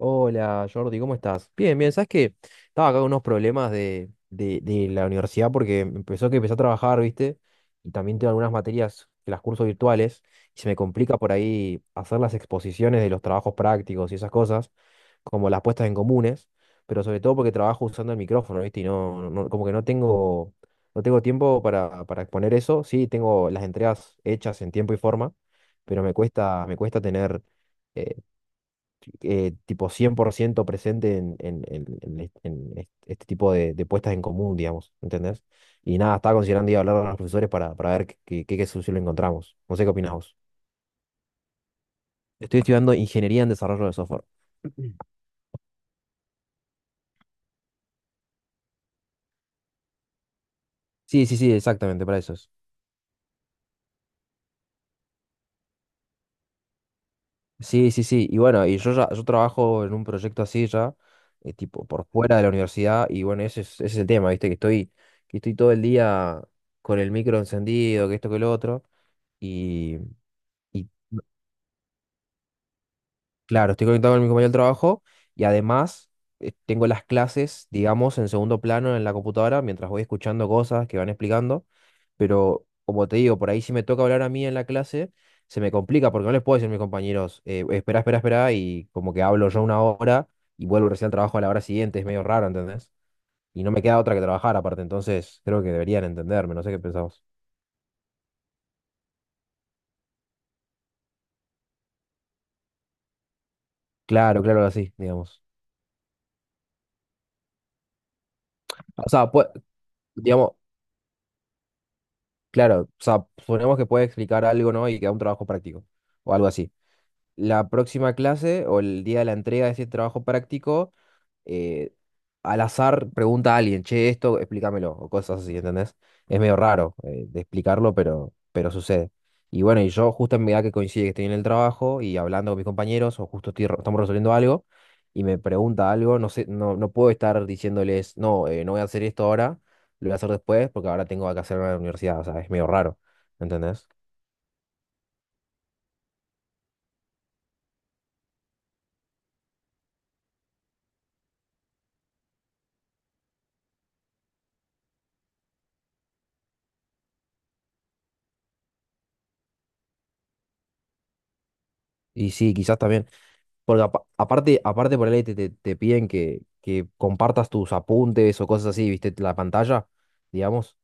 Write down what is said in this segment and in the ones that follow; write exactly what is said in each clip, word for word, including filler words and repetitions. Hola Jordi, ¿cómo estás? Bien, bien, ¿sabes qué? Estaba acá con unos problemas de, de, de la universidad porque empezó que empecé a trabajar, ¿viste? Y también tengo algunas materias que las curso virtuales, y se me complica por ahí hacer las exposiciones de los trabajos prácticos y esas cosas, como las puestas en comunes, pero sobre todo porque trabajo usando el micrófono, ¿viste? Y no, no- no- como que no tengo, no tengo tiempo para, para exponer eso. Sí, tengo las entregas hechas en tiempo y forma, pero me cuesta, me cuesta tener, eh, tipo, cien por ciento presente en, en- en- en est- en est- este tipo de, de puestas en común, digamos, ¿entendés? Y nada, estaba considerando ir a hablar a los profesores para, para ver qué, qué, qué, qué solución le encontramos. No sé qué opinás vos. Estoy estudiando ingeniería en desarrollo de software. Sí, sí, sí, exactamente, para eso es. Sí, sí, sí. Y bueno, y yo ya, yo trabajo en un proyecto así ya, eh, tipo por fuera de la universidad, y bueno, ese es, ese es el tema, ¿viste? Que estoy, que estoy todo el día con el micro encendido, que esto, que lo otro, y, y Claro, estoy conectado con mi compañero del trabajo, y además, eh, tengo las clases, digamos, en segundo plano en la computadora mientras voy escuchando cosas que van explicando. Pero como te digo, por ahí si me toca hablar a mí en la clase, se me complica porque no les puedo decir a mis compañeros, eh, espera, espera, espera, y como que hablo yo una hora y vuelvo recién al trabajo a la hora siguiente, es medio raro, ¿entendés? Y no me queda otra que trabajar aparte, entonces creo que deberían entenderme, no sé qué pensamos. Claro, claro, así, digamos. O sea, pues, digamos, claro, o sea, suponemos que puede explicar algo, ¿no? Y que da un trabajo práctico o algo así. La próxima clase o el día de la entrega de ese trabajo práctico, eh, al azar pregunta a alguien, che, esto, explícamelo, o cosas así, ¿entendés? Es medio raro, eh, de explicarlo, pero, pero sucede. Y bueno, y yo justo en mi edad que coincide que estoy en el trabajo y hablando con mis compañeros, o justo estoy re- estamos resolviendo algo, y me pregunta algo, no sé, no, no puedo estar diciéndoles, no, eh, no voy a hacer esto ahora, lo voy a hacer después, porque ahora tengo que hacerlo en la universidad, o sea, es medio raro, ¿entendés? Y sí, quizás también. Porque apa- aparte, aparte por ahí te, te- te piden que, que compartas tus apuntes o cosas así, ¿viste? La pantalla, digamos.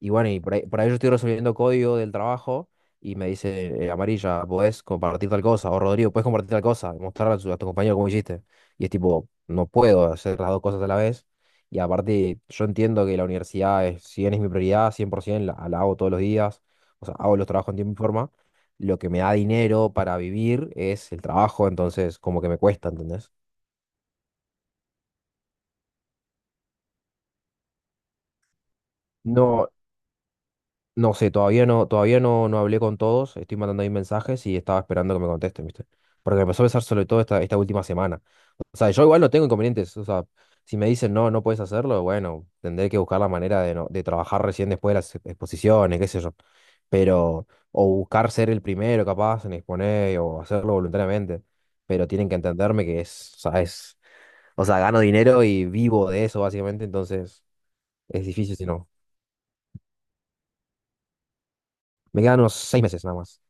Y bueno, y por ahí, por ahí yo estoy resolviendo código del trabajo y me dice, eh, Amarilla, ¿podés compartir tal cosa? O Rodrigo, ¿podés compartir tal cosa? Y mostrarle a, su- a tu compañero cómo hiciste. Y es tipo, no puedo hacer las dos cosas a la vez. Y aparte, yo entiendo que la universidad, es, si bien es mi prioridad, cien por ciento, la, la hago todos los días. O sea, hago los trabajos en tiempo y forma, lo que me da dinero para vivir es el trabajo, entonces como que me cuesta, ¿entendés? No, no sé, todavía no, todavía no, no hablé con todos, estoy mandando ahí mensajes y estaba esperando que me contesten, ¿viste? Porque me empezó a pensar sobre todo esta, esta última semana. O sea, yo igual no tengo inconvenientes, o sea, si me dicen no, no puedes hacerlo, bueno, tendré que buscar la manera de, no- de trabajar recién después de las exposiciones, qué sé yo. Pero, o buscar ser el primero capaz en exponer o hacerlo voluntariamente, pero tienen que entenderme que es, o sea, es, o sea, gano dinero y vivo de eso, básicamente, entonces es difícil si no. Me quedan unos seis meses nada más.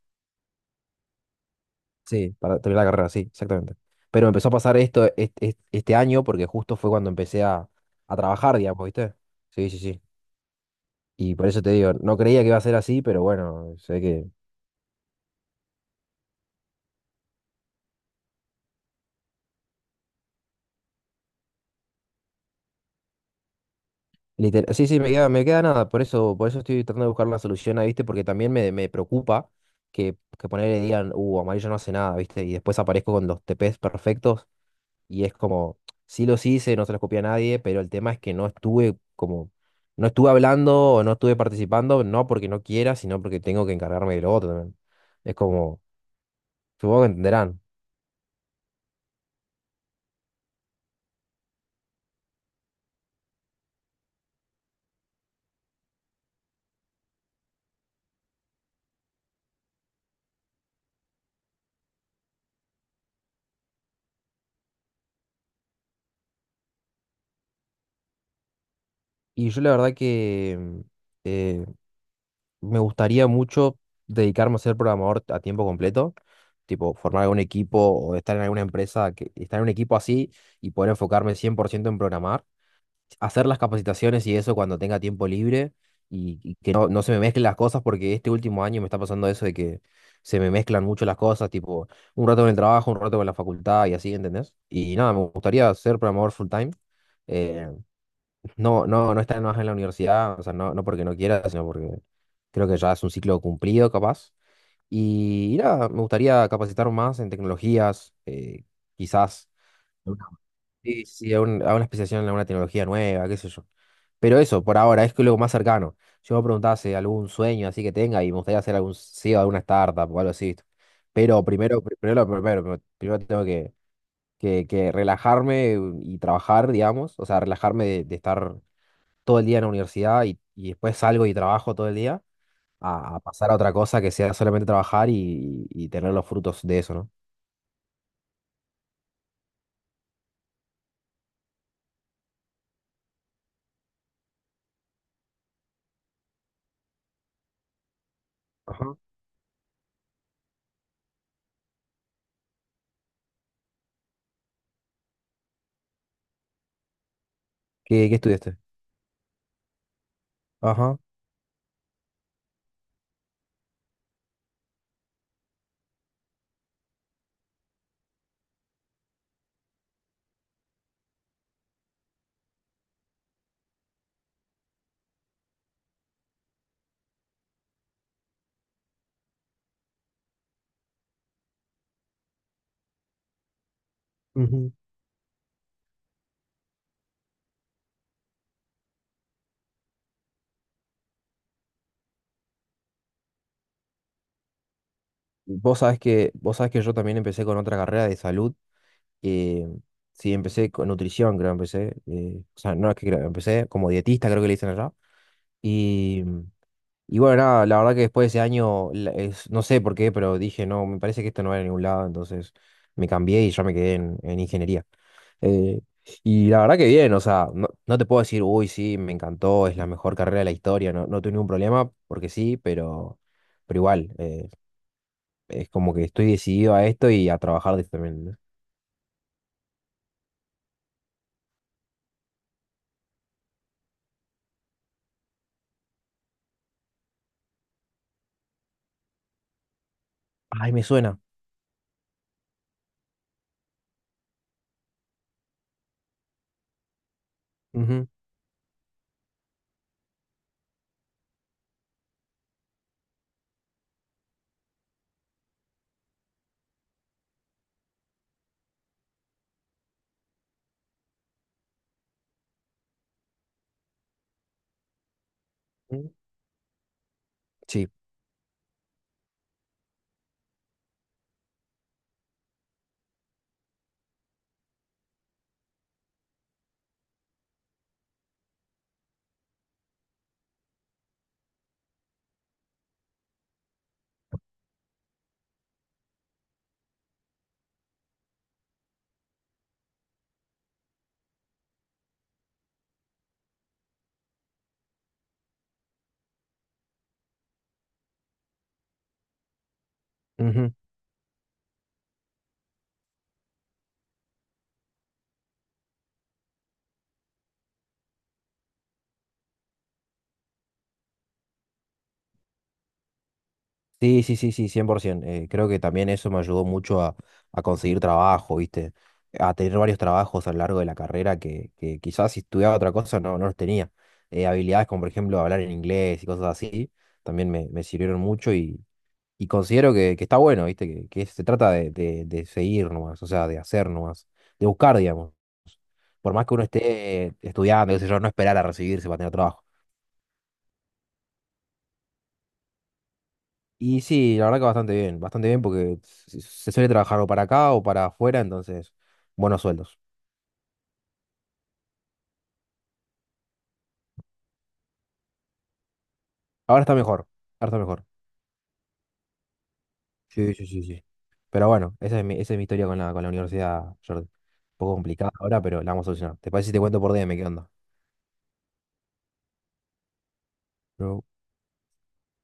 Sí, para terminar la carrera, sí, exactamente. Pero me empezó a pasar esto est- est- este año porque justo fue cuando empecé a, a trabajar, digamos, ¿viste? Sí, sí, sí. Y por eso te digo, no creía que iba a ser así, pero bueno, sé que... Literal, sí, sí, me queda, me queda nada, por eso, por eso estoy tratando de buscar una solución ahí, ¿viste? Porque también me, me preocupa que, que ponerle digan, uh, Amarillo no hace nada, ¿viste? Y después aparezco con los T Ps perfectos y es como, sí los hice, no se los copié a nadie, pero el tema es que no estuve como, no estuve hablando o no estuve participando, no porque no quiera, sino porque tengo que encargarme de lo otro también. Es como, supongo que entenderán. Y yo la verdad que mm, eh, me gustaría mucho dedicarme a ser programador a tiempo completo, tipo formar algún equipo o estar en alguna empresa, que, estar en un equipo así y poder enfocarme cien por ciento en programar. Hacer las capacitaciones y eso cuando tenga tiempo libre, y, y que no, no se me mezclen las cosas porque este último año me está pasando eso de que se me mezclan mucho las cosas, tipo un rato con el trabajo, un rato con la facultad y así, ¿entendés? Y nada, me gustaría ser programador full time. eh, no, no, no estar más en la universidad, o sea, no, no porque no quiera, sino porque creo que ya es un ciclo cumplido, capaz. Y, y nada, me gustaría capacitar más en tecnologías, eh, quizás. Sí, sí, a, un- a una especialización, a una tecnología nueva, qué sé yo. Pero eso, por ahora, es que lo más cercano. Yo me preguntaba si algún sueño así que tenga, y me gustaría hacer algún C E O de alguna startup o algo así, ¿viste? Pero primero, pri- primero, lo primero, primero, primero tengo que, que, que relajarme y trabajar, digamos. O sea, relajarme de, de estar todo el día en la universidad y, y después salgo y trabajo todo el día, a, a pasar a otra cosa que sea solamente trabajar y, y tener los frutos de eso, ¿no? Ajá. ¿Qué, qué estudiaste? Ajá. Vos sabés que, vos sabés que yo también empecé con otra carrera de salud. eh, sí, empecé con nutrición, creo, empecé. eh, o sea, no es que creo, empecé como dietista, creo que le dicen allá. Y, y bueno, nada, la verdad que después de ese año, la- es- no sé por qué, pero dije, no, me parece que esto no va a ningún lado, entonces me cambié y yo me quedé en, en ingeniería. Eh, y la verdad que bien, o sea, no, no te puedo decir, uy, sí, me encantó, es la mejor carrera de la historia, no, no tuve ningún problema, porque sí, pero, pero igual. eh, es como que estoy decidido a esto y a trabajar de esto también, ¿no? Ay, me suena. Ujú, ujú, sí, ujú. Sí, sí, sí, sí, cien por ciento. Eh, creo que también eso me ayudó mucho a, a conseguir trabajo, ¿viste? A tener varios trabajos a lo largo de la carrera que, que quizás si estudiaba otra cosa no, no los tenía. Eh, habilidades como, por ejemplo, hablar en inglés y cosas así, también me, me sirvieron mucho. Y considero que, que está bueno, ¿viste? Que, que se trata de, de- de seguir nomás, o sea, de hacer nomás, de buscar, digamos. Por más que uno esté estudiando, qué sé yo, no esperar a recibirse para tener trabajo. Y sí, la verdad que bastante bien, bastante bien porque se se suele trabajar o para acá o para afuera, entonces, buenos sueldos. Ahora está mejor, ahora está mejor. Sí, sí, sí, sí. Pero bueno, esa es mi, esa es mi historia con la, con la universidad, Jordi. Un poco complicada ahora, pero la vamos a solucionar. ¿Te parece si te cuento por D M qué onda? Pero